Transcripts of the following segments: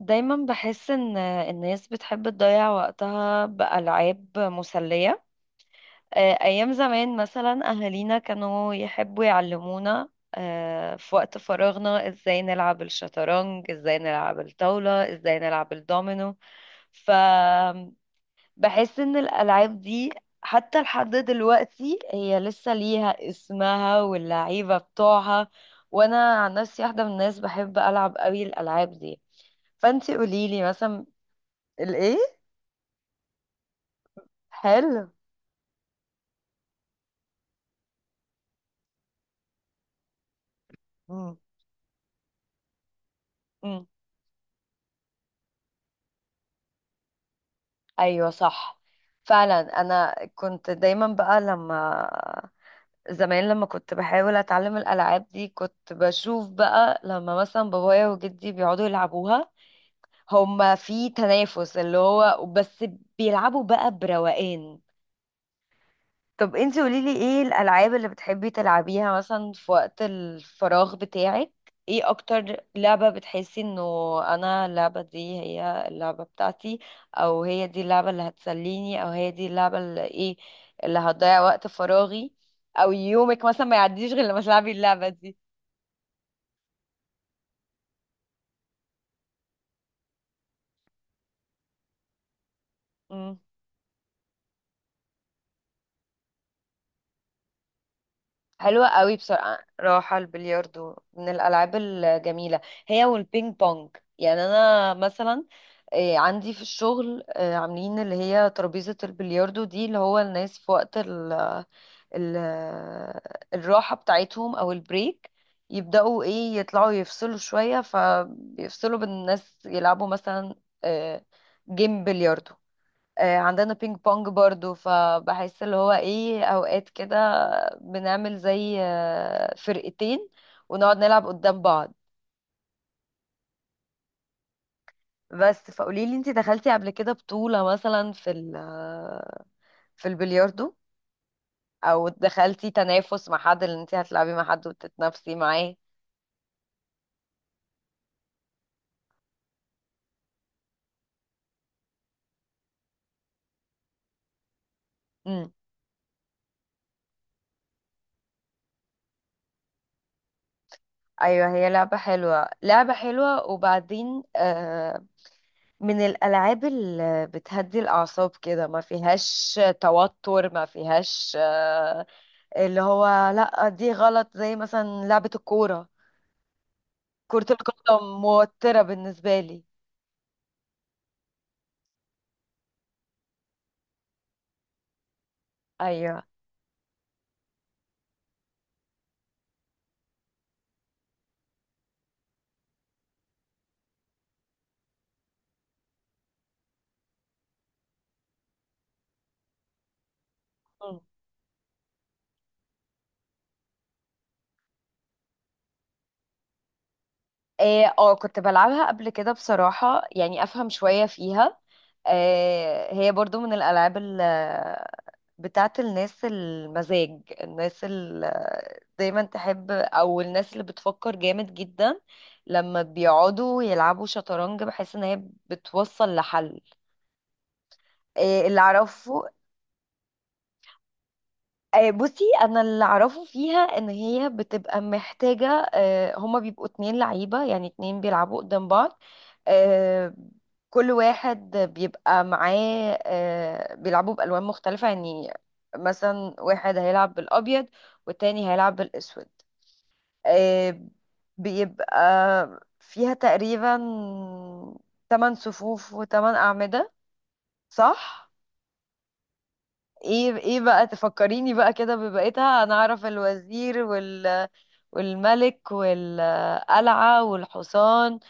دايما بحس ان الناس بتحب تضيع وقتها بألعاب مسلية. ايام زمان مثلا اهالينا كانوا يحبوا يعلمونا في وقت فراغنا ازاي نلعب الشطرنج، ازاي نلعب الطاولة، ازاي نلعب الدومينو. فبحس ان الالعاب دي حتى لحد دلوقتي هي لسه ليها اسمها واللعيبة بتوعها. وانا عن نفسي واحدة من الناس بحب العب قوي الالعاب دي. فانتي قوليلي مثلا الايه. حلو. مم. مم. ايوه صح. فعلا انا كنت دايما بقى لما زمان لما كنت بحاول اتعلم الالعاب دي كنت بشوف بقى لما مثلا بابايا وجدي بيقعدوا يلعبوها. هما في تنافس اللي هو بس بيلعبوا بقى بروقان. طب انتي قوليلي ايه الالعاب اللي بتحبي تلعبيها مثلا في وقت الفراغ بتاعك؟ ايه اكتر لعبة بتحسي انه انا اللعبة دي هي اللعبة بتاعتي؟ او هي دي اللعبة اللي هتسليني، او هي دي اللعبة اللي ايه اللي هتضيع وقت فراغي؟ او يومك مثلا ما يعديش غير لما تلعبي اللعبة دي. حلوة قوي بصراحة، راحة البلياردو من الألعاب الجميلة. هي والبينج بونج. يعني أنا مثلا إيه، عندي في الشغل عاملين اللي هي ترابيزة البلياردو دي، اللي هو الناس في وقت ال ال الراحة بتاعتهم أو البريك يبدأوا إيه يطلعوا يفصلوا شوية، فبيفصلوا بالناس يلعبوا مثلا آه، جيم بلياردو. عندنا بينج بونج برضو. فبحس اللي هو ايه اوقات كده بنعمل زي فرقتين ونقعد نلعب قدام بعض. بس فقوليلي انتي دخلتي قبل كده بطولة مثلا في ال آه، في البلياردو، او دخلتي تنافس مع حد اللي انتي هتلعبي مع حد وتتنافسي معاه؟ امم. ايوه هي لعبة حلوة لعبة حلوة، وبعدين من الالعاب اللي بتهدي الاعصاب كده، ما فيهاش توتر ما فيهاش اللي هو لا، دي غلط. زي مثلا لعبة الكورة، كرة القدم موترة بالنسبة لي. ايوه. مم. إيه، اه كنت بلعبها قبل كده بصراحة، يعني افهم شوية فيها. إيه، هي برضو من بتاعة الناس المزاج، الناس اللي دايما تحب، او الناس اللي بتفكر جامد جدا لما بيقعدوا يلعبوا شطرنج بحس ان هي بتوصل لحل. إيه، اللي اعرفه بصي انا اللي اعرفه فيها ان هي بتبقى محتاجه هما بيبقوا اتنين لعيبه، يعني اتنين بيلعبوا قدام بعض. آه، كل واحد بيبقى معاه بيلعبوا بالوان مختلفه يعني، مثلا واحد هيلعب بالابيض والتاني هيلعب بالاسود. آه، بيبقى فيها تقريبا 8 صفوف و8 اعمده، صح؟ ايه ايه بقى تفكريني بقى كده ببقيتها. انا اعرف الوزير والملك والقلعة والحصان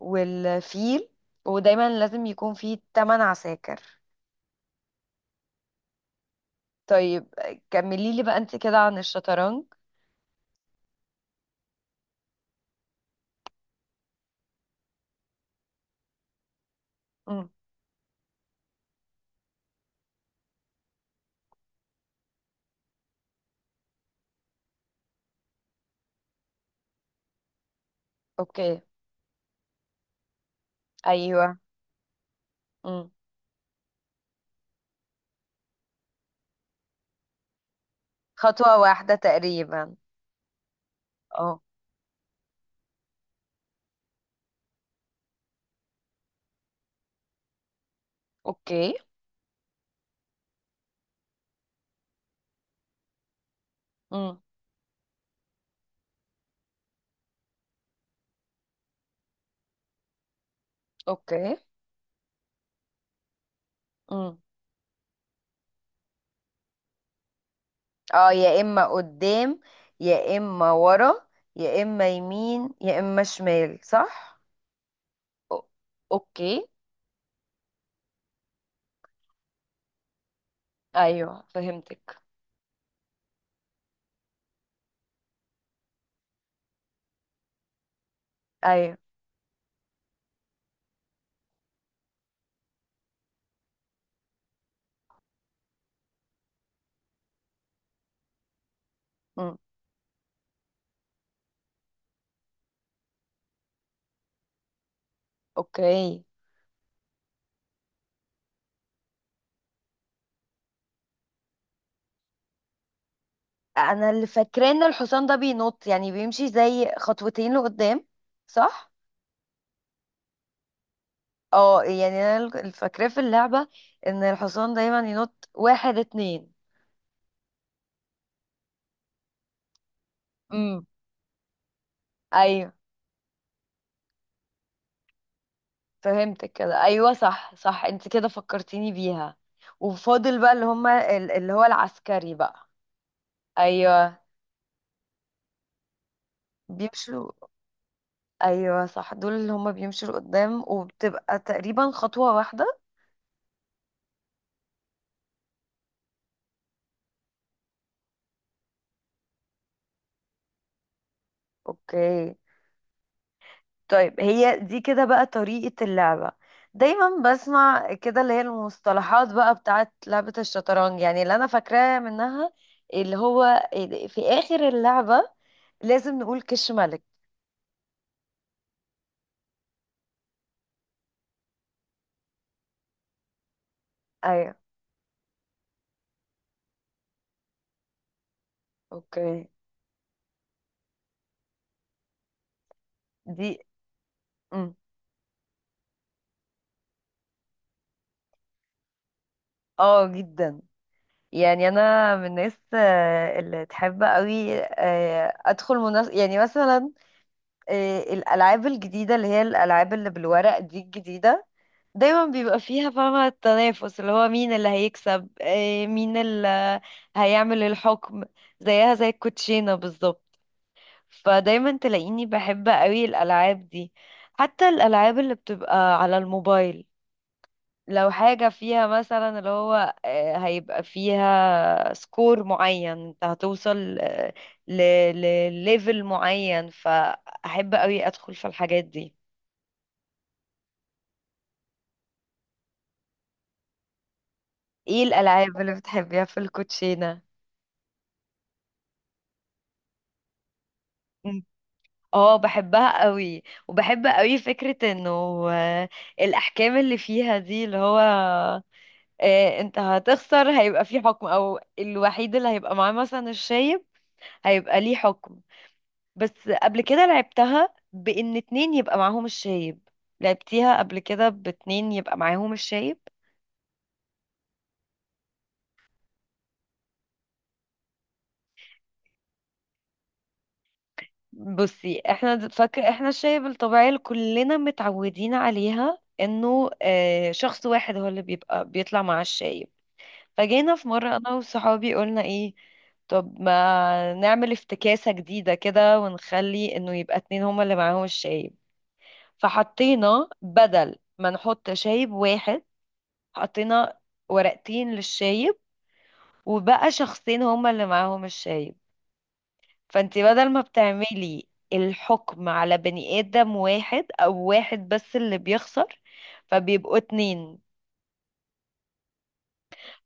والفيل. ودايما لازم يكون فيه تمن عساكر. طيب كملي لي بقى انت كده عن الشطرنج. امم. اوكي. ايوه. امم. خطوة واحدة تقريبا. اه. اوكي. امم. اوكي. امم. اه يا اما قدام يا اما ورا يا اما يمين يا اما شمال، صح. أو- اوكي. ايوه فهمتك. ايوه. امم. اوكي. انا اللي فاكراه ان الحصان ده بينط، يعني بيمشي زي خطوتين لقدام، صح؟ اه يعني انا اللي فاكراه في اللعبة ان الحصان دايما ينط واحد اتنين. امم. ايوه فهمتك كده، ايوه صح صح انت كده فكرتيني بيها. وفاضل بقى اللي هما اللي هو العسكري بقى. ايوه بيمشوا. ايوه صح، دول اللي هما بيمشوا لقدام وبتبقى تقريبا خطوة واحدة. اوكي. طيب هي دي كده بقى طريقة اللعبة. دايما بسمع كده اللي هي المصطلحات بقى بتاعت لعبة الشطرنج، يعني اللي انا فاكراه منها اللي هو في اخر اللعبة لازم نقول كش ملك. ايوه. اوكي. دي. مم. اه جدا. يعني انا من الناس اللي تحب قوي ادخل منافس، يعني مثلا الالعاب الجديده اللي هي الالعاب اللي بالورق دي، الجديده دايما بيبقى فيها فاهمة التنافس، اللي هو مين اللي هيكسب مين اللي هيعمل الحكم. زيها زي الكوتشينة بالظبط. فدايما تلاقيني بحب قوي الألعاب دي. حتى الألعاب اللي بتبقى على الموبايل، لو حاجة فيها مثلا اللي هو هيبقى فيها سكور معين، انت هتوصل ل... لليفل معين، فأحب قوي أدخل في الحاجات دي. ايه الألعاب اللي بتحبيها في الكوتشينة؟ اه بحبها قوي. وبحب قوي فكرة انه آه، الاحكام اللي فيها دي اللي هو انت هتخسر هيبقى في حكم، او الوحيد اللي هيبقى معاه مثلا الشايب هيبقى ليه حكم. بس قبل كده لعبتها بان اتنين يبقى معاهم الشايب. لعبتيها قبل كده باتنين يبقى معاهم الشايب؟ بصي احنا فاكر احنا الشايب الطبيعية اللي كلنا متعودين عليها انه شخص واحد هو اللي بيبقى بيطلع مع الشايب. فجينا في مرة أنا وصحابي قلنا إيه، طب ما نعمل افتكاسة جديدة كده ونخلي إنه يبقى اتنين هما اللي معاهم الشايب. فحطينا بدل ما نحط شايب واحد، حطينا ورقتين للشايب، وبقى شخصين هما اللي معاهم الشايب. فأنتي بدل ما بتعملي الحكم على بني آدم واحد أو واحد بس اللي بيخسر، فبيبقوا اتنين.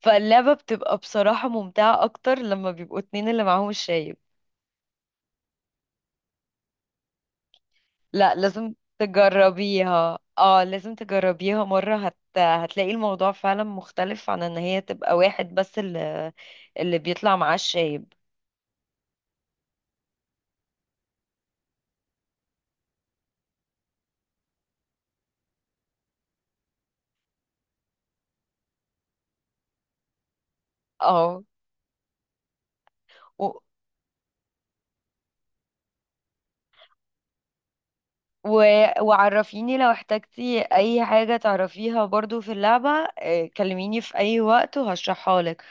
فاللعبة بتبقى بصراحة ممتعة أكتر لما بيبقوا اتنين اللي معاهم الشايب. لا لازم تجربيها، اه لازم تجربيها مرة هتلاقي الموضوع فعلا مختلف عن ان هي تبقى واحد بس اللي بيطلع معاه الشايب. اه و... وعرفيني لو احتجتي اي حاجة تعرفيها برضو في اللعبة. كلميني في اي وقت وهشرحها لك.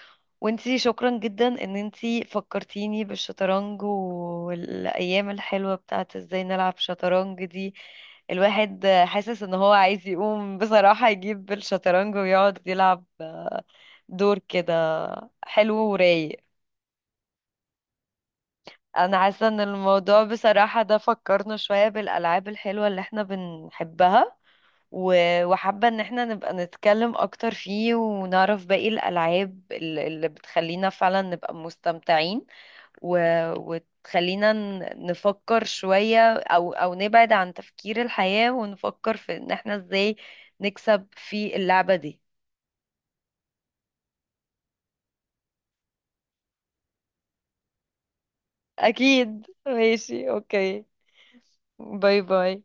وانتي شكرا جدا ان انتي فكرتيني بالشطرنج والايام الحلوة بتاعت ازاي نلعب شطرنج دي. الواحد حاسس ان هو عايز يقوم بصراحة يجيب الشطرنج ويقعد يلعب دور كده حلو ورايق. انا حاسة ان الموضوع بصراحة ده فكرنا شوية بالالعاب الحلوة اللي احنا بنحبها. وحابة ان احنا نبقى نتكلم اكتر فيه ونعرف باقي اللي بتخلينا فعلا نبقى مستمتعين. وتخلينا نفكر شوية، او نبعد عن تفكير الحياة ونفكر في ان احنا ازاي نكسب في اللعبة دي. اكيد ماشي اوكي. باي باي.